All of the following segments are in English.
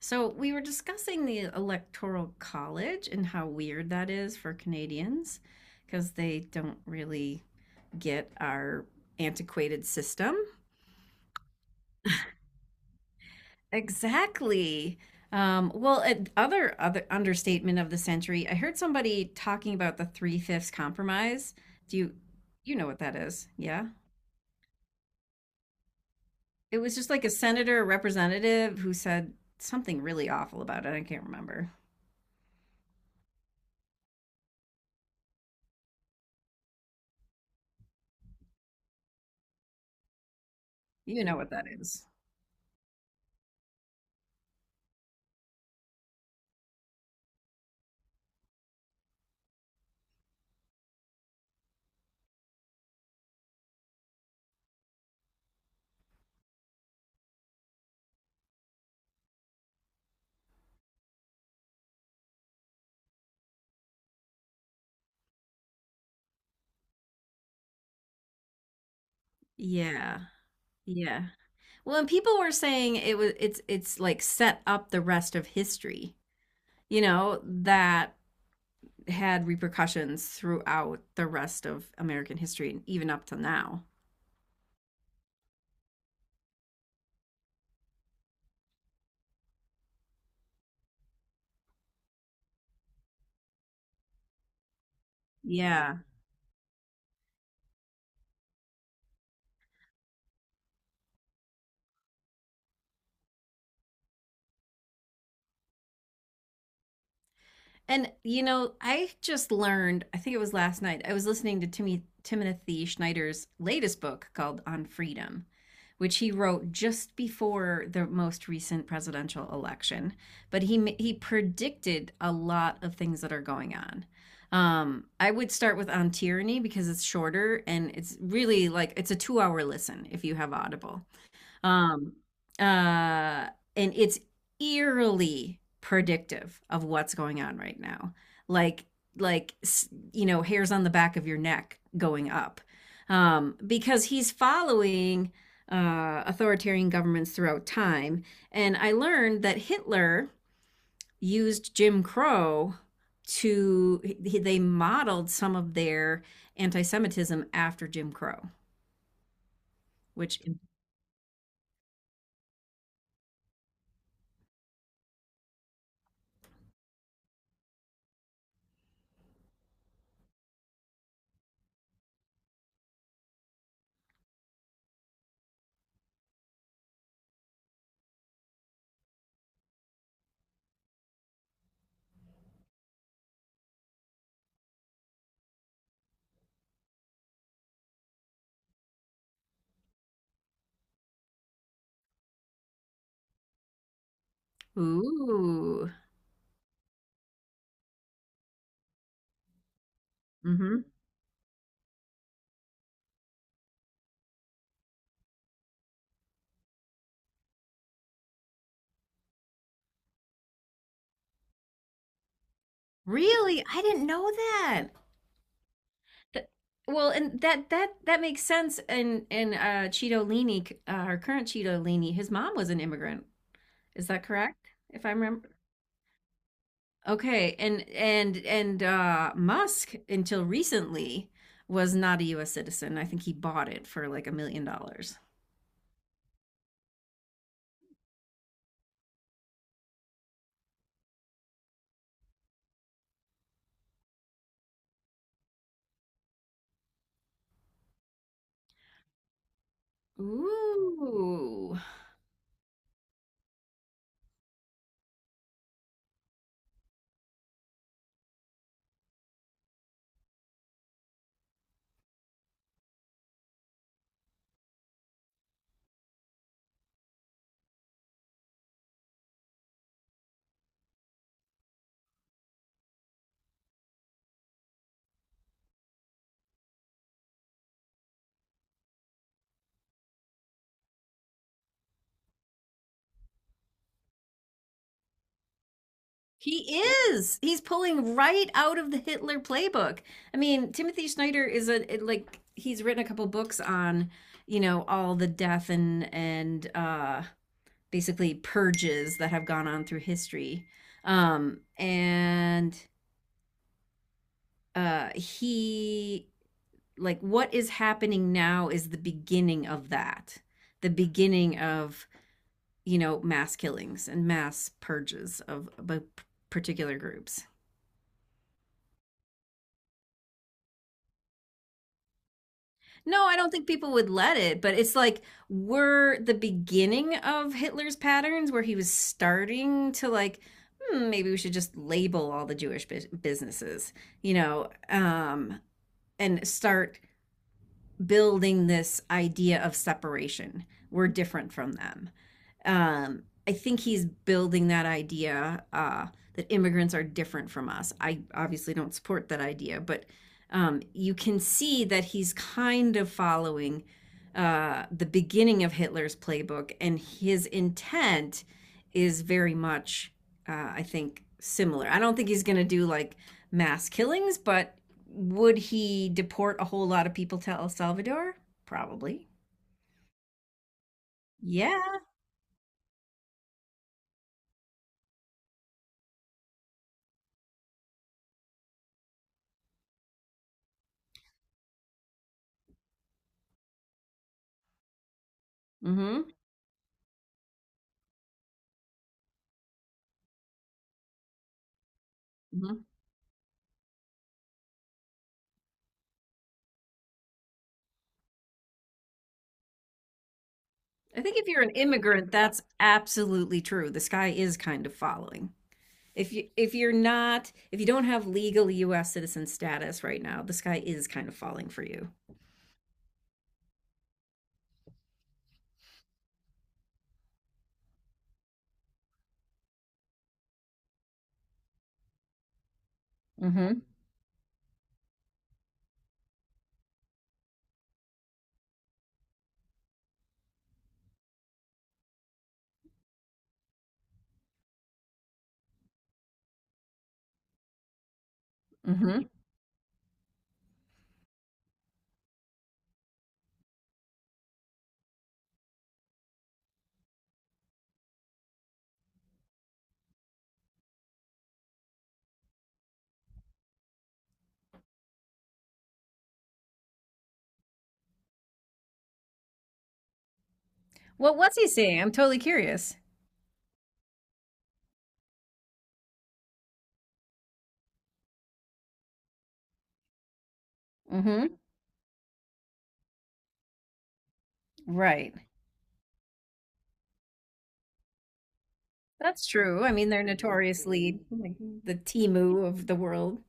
So we were discussing the Electoral College and how weird that is for Canadians because they don't really get our antiquated system. Exactly. Well, other understatement of the century. I heard somebody talking about the Three Fifths Compromise. Do you you know what that is? Yeah. It was just like a senator or representative who said something really awful about it. I can't remember. You know what that is. Yeah. Yeah. Well, and people were saying it was it's like set up the rest of history, you know, that had repercussions throughout the rest of American history and even up to now. Yeah. And you know, I just learned, I think it was last night, I was listening to Timmy Timothy Schneider's latest book called On Freedom, which he wrote just before the most recent presidential election, but he predicted a lot of things that are going on. I would start with On Tyranny because it's shorter and it's really like it's a 2-hour listen if you have Audible. Um, uh, and it's eerily predictive of what's going on right now. Like, you know, hairs on the back of your neck going up, because he's following authoritarian governments throughout time. And I learned that Hitler used Jim Crow to they modeled some of their anti-Semitism after Jim Crow, which ooh. Mm-hmm. Really? I didn't know that. That- Well, and that makes sense. And Cheeto Leahy, our current Cheeto Leahy, his mom was an immigrant. Is that correct? If I remember. Okay, and Musk until recently was not a U.S. citizen. I think he bought it for like $1 million. Ooh, he is. He's pulling right out of the Hitler playbook. I mean, Timothy Snyder is a like he's written a couple books on, you know, all the death and basically purges that have gone on through history. And he like what is happening now is the beginning of that. The beginning of, you know, mass killings and mass purges of particular groups. No, I don't think people would let it, but it's like we're the beginning of Hitler's patterns where he was starting to like, hmm, maybe we should just label all the Jewish businesses, you know, and start building this idea of separation. We're different from them. I think he's building that idea, that immigrants are different from us. I obviously don't support that idea, but you can see that he's kind of following the beginning of Hitler's playbook, and his intent is very much, I think, similar. I don't think he's going to do like mass killings, but would he deport a whole lot of people to El Salvador? Probably. Yeah. Hmm. Hmm. I think if you're an immigrant, that's absolutely true. The sky is kind of falling. If you're not, if you don't have legal US citizen status right now, the sky is kind of falling for you. Mm-hmm. Mm-hmm. What was he saying? I'm totally curious. Mm-hmm. Right. That's true. I mean, they're notoriously like the Timu of the world.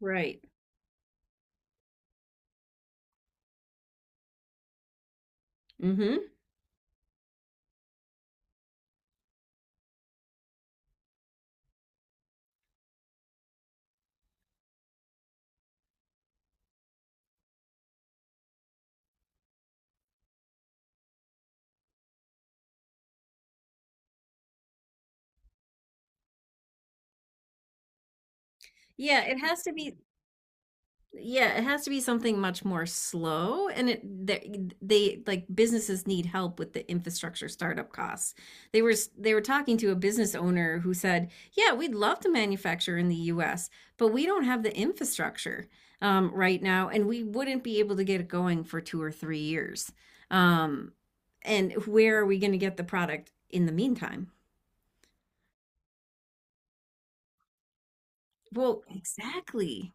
Right. Mm-hmm. Yeah, it has to be Yeah, it has to be something much more slow and they like businesses need help with the infrastructure startup costs. They were talking to a business owner who said, "Yeah, we'd love to manufacture in the US, but we don't have the infrastructure right now and we wouldn't be able to get it going for 2 or 3 years." Um, and where are we going to get the product in the meantime? Well, exactly.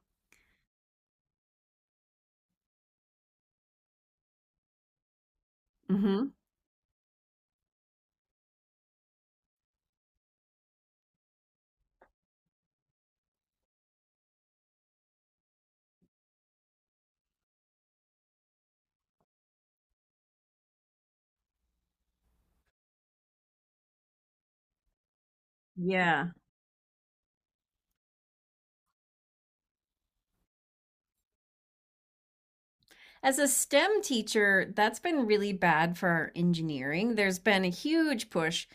Mhm. Yeah. As a STEM teacher, that's been really bad for our engineering. There's been a huge push,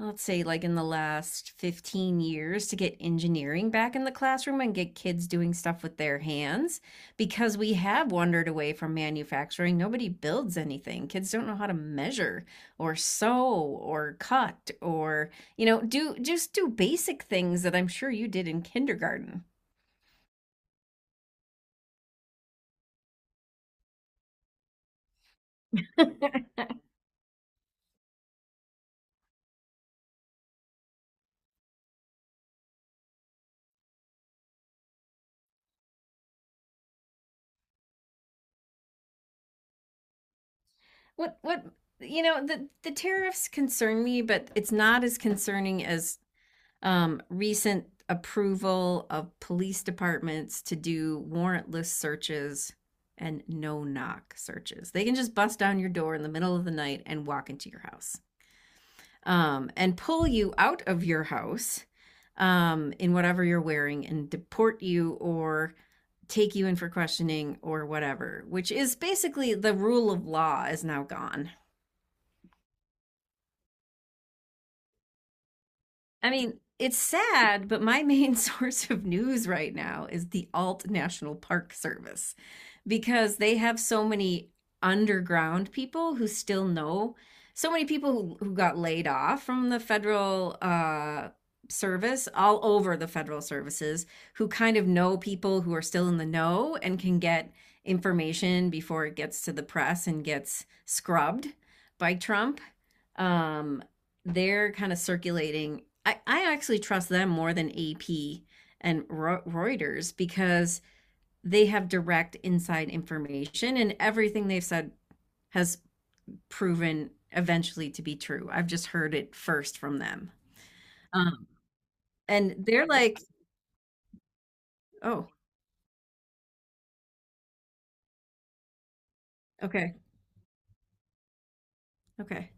let's say like in the last 15 years, to get engineering back in the classroom and get kids doing stuff with their hands because we have wandered away from manufacturing. Nobody builds anything. Kids don't know how to measure or sew or cut or, you know, do just do basic things that I'm sure you did in kindergarten. What you know the tariffs concern me, but it's not as concerning as recent approval of police departments to do warrantless searches and no knock searches. They can just bust down your door in the middle of the night and walk into your house and pull you out of your house in whatever you're wearing and deport you or take you in for questioning or whatever, which is basically the rule of law is now gone. I mean, it's sad, but my main source of news right now is the Alt National Park Service because they have so many underground people who still know so many people who got laid off from the federal service all over the federal services who kind of know people who are still in the know and can get information before it gets to the press and gets scrubbed by Trump um, they're kind of circulating. I actually trust them more than AP and Reuters because they have direct inside information and everything they've said has proven eventually to be true. I've just heard it first from them. Um, and they're like, oh, okay, okay.